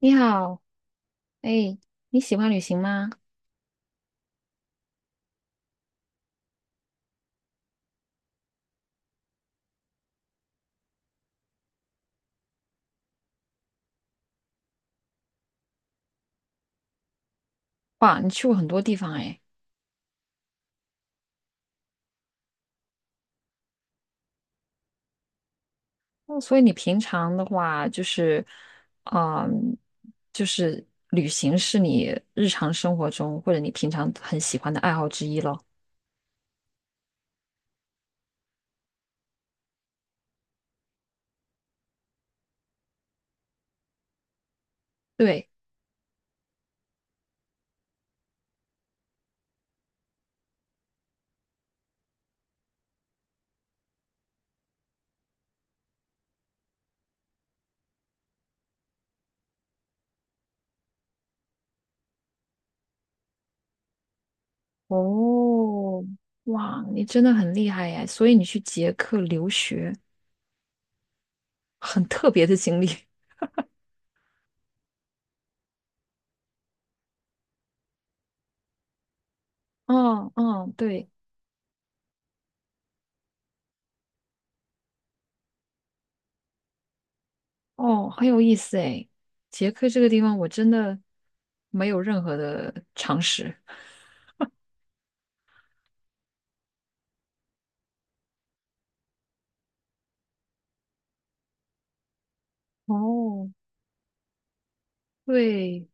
你好，哎，你喜欢旅行吗？哇，你去过很多地方哎，哦所以你平常的话就是，嗯，就是旅行是你日常生活中或者你平常很喜欢的爱好之一咯。对，哦，哇，你真的很厉害哎，所以你去捷克留学，很特别的经历。哦嗯，对，哦，很有意思哎，捷克这个地方我真的没有任何的常识。哦，对，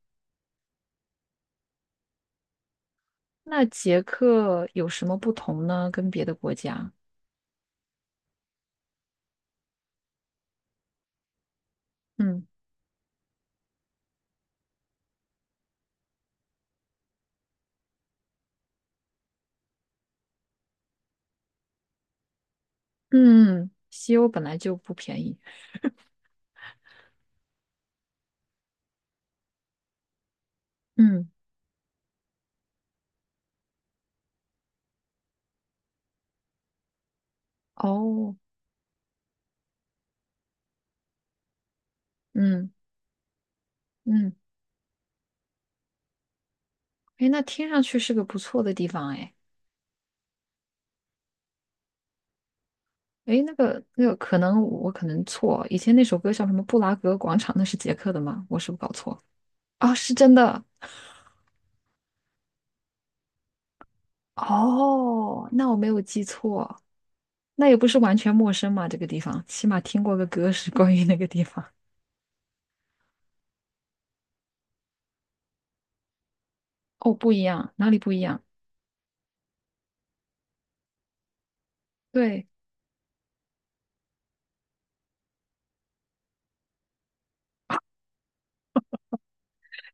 那捷克有什么不同呢？跟别的国家？嗯嗯，西欧本来就不便宜。嗯，哦，嗯嗯，哎，那听上去是个不错的地方哎。哎，那个那个，可能我可能错，以前那首歌叫什么《布拉格广场》，那是捷克的吗？我是不是搞错？啊、是真的。哦，那我没有记错，那也不是完全陌生嘛，这个地方，起码听过个歌是关于那个地方。哦，不一样，哪里不一样？对。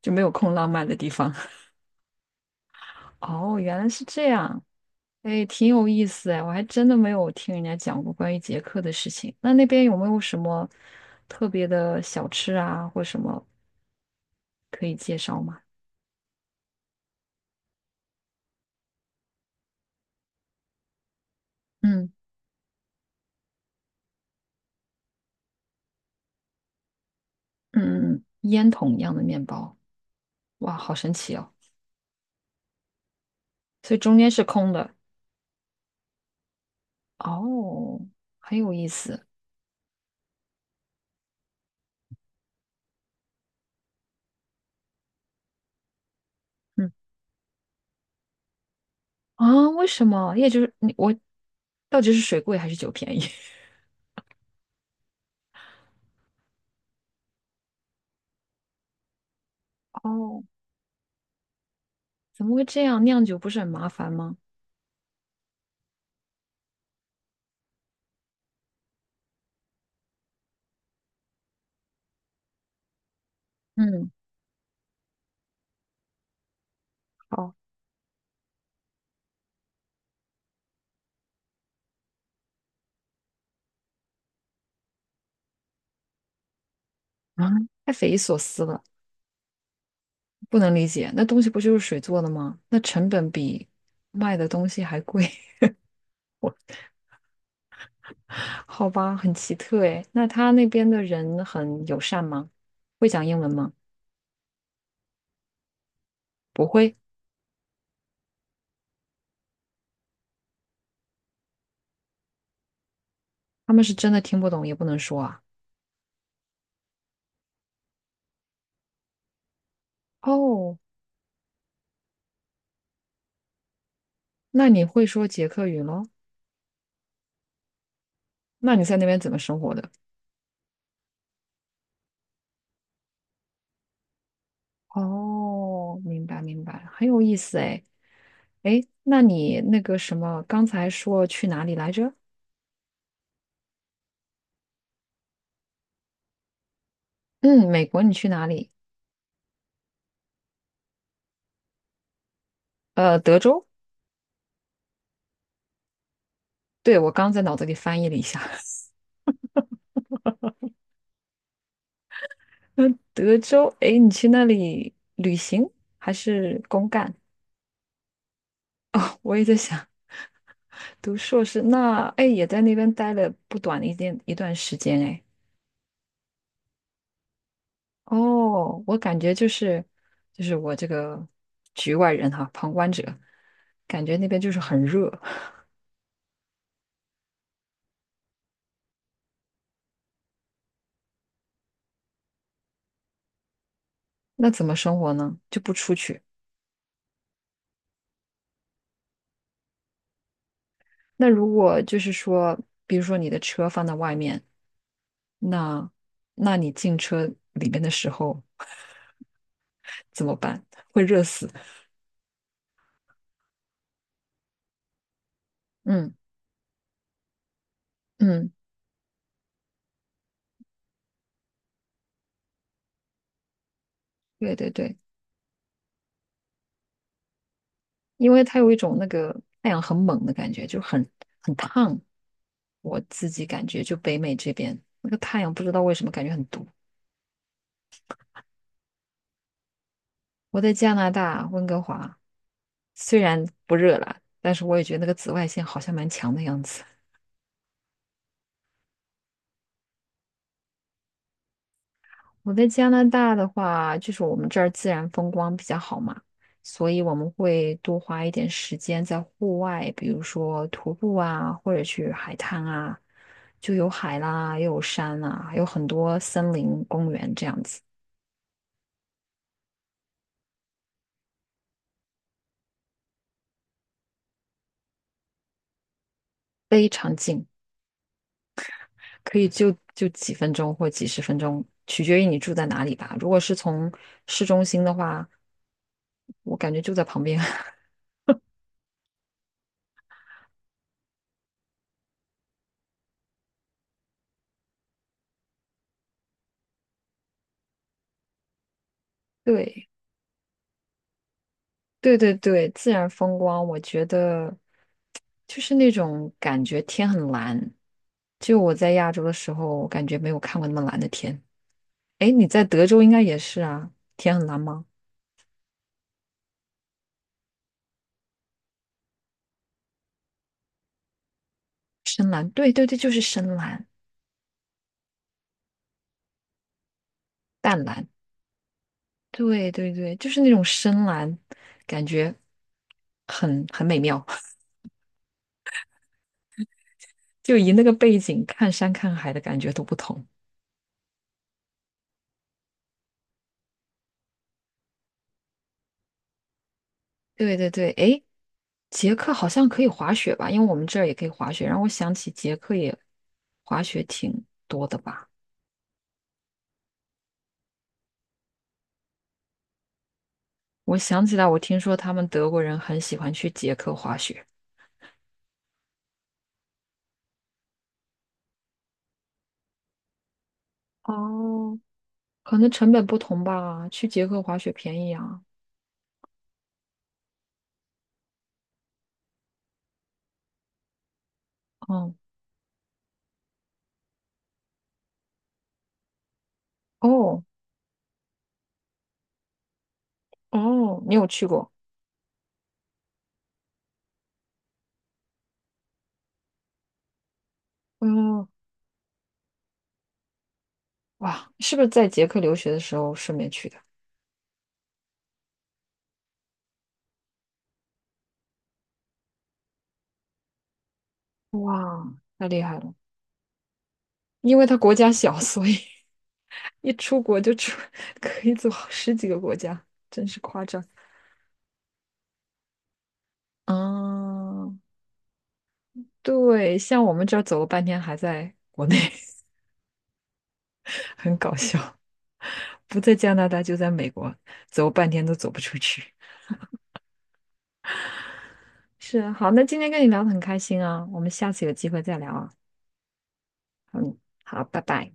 就没有空浪漫的地方。哦，原来是这样，哎，挺有意思哎，我还真的没有听人家讲过关于捷克的事情。那那边有没有什么特别的小吃啊，或什么可以介绍吗？嗯嗯嗯，嗯烟筒一样的面包，哇，好神奇哦！所以中间是空的，哦，很有意思。嗯啊，为什么？也就是你我到底是水贵还是酒便宜？哦，怎么会这样？酿酒不是很麻烦吗？嗯。好。啊，太匪夷所思了，不能理解。那东西不就是水做的吗？那成本比卖的东西还贵，我好吧，很奇特诶。那他那边的人很友善吗？会讲英文吗？不会，他们是真的听不懂，也不能说啊。哦，那你会说捷克语咯？那你在那边怎么生活的？哦，明白明白，很有意思诶。诶，那你那个什么，刚才说去哪里来着？嗯，美国，你去哪里？德州。对，我刚在脑子里翻译了一下，嗯，德州，哎，你去那里旅行还是公干？我也在想，读硕士，那哎也在那边待了不短的一段时间，哎，哦，我感觉就是就是我这个局外人哈，旁观者，感觉那边就是很热，那怎么生活呢？就不出去。那如果就是说，比如说你的车放在外面，那那你进车里面的时候怎么办？会热死。嗯嗯，对对对，因为它有一种那个太阳很猛的感觉，就很很烫。我自己感觉就北美这边那个太阳不知道为什么感觉很毒。我在加拿大温哥华，虽然不热啦，但是我也觉得那个紫外线好像蛮强的样子。我在加拿大的话，就是我们这儿自然风光比较好嘛，所以我们会多花一点时间在户外，比如说徒步啊，或者去海滩啊，就有海啦，又有山啦，还有很多森林公园这样子，非常近，可以就几分钟或几十分钟，取决于你住在哪里吧。如果是从市中心的话，我感觉就在旁边。对。对对对，自然风光，我觉得就是那种感觉天很蓝。就我在亚洲的时候，我感觉没有看过那么蓝的天。哎，你在德州应该也是啊，天很蓝吗？深蓝，对对对，就是深蓝，淡蓝，对对对，就是那种深蓝，感觉很很美妙，就以那个背景看山看海的感觉都不同。对对对，哎，捷克好像可以滑雪吧？因为我们这儿也可以滑雪，让我想起捷克也滑雪挺多的吧。我想起来，我听说他们德国人很喜欢去捷克滑雪，哦可能成本不同吧，去捷克滑雪便宜啊。嗯，哦哦，你有去过？嗯，哇，是不是在捷克留学的时候顺便去的？哇，太厉害了，因为它国家小，所以 一出国就出，可以走10几个国家，真是夸张。嗯，对，像我们这儿走了半天还在国内，很搞笑。不在加拿大就在美国，走半天都走不出去。是，啊，好，那今天跟你聊得很开心啊，我们下次有机会再聊啊。嗯，好，拜拜。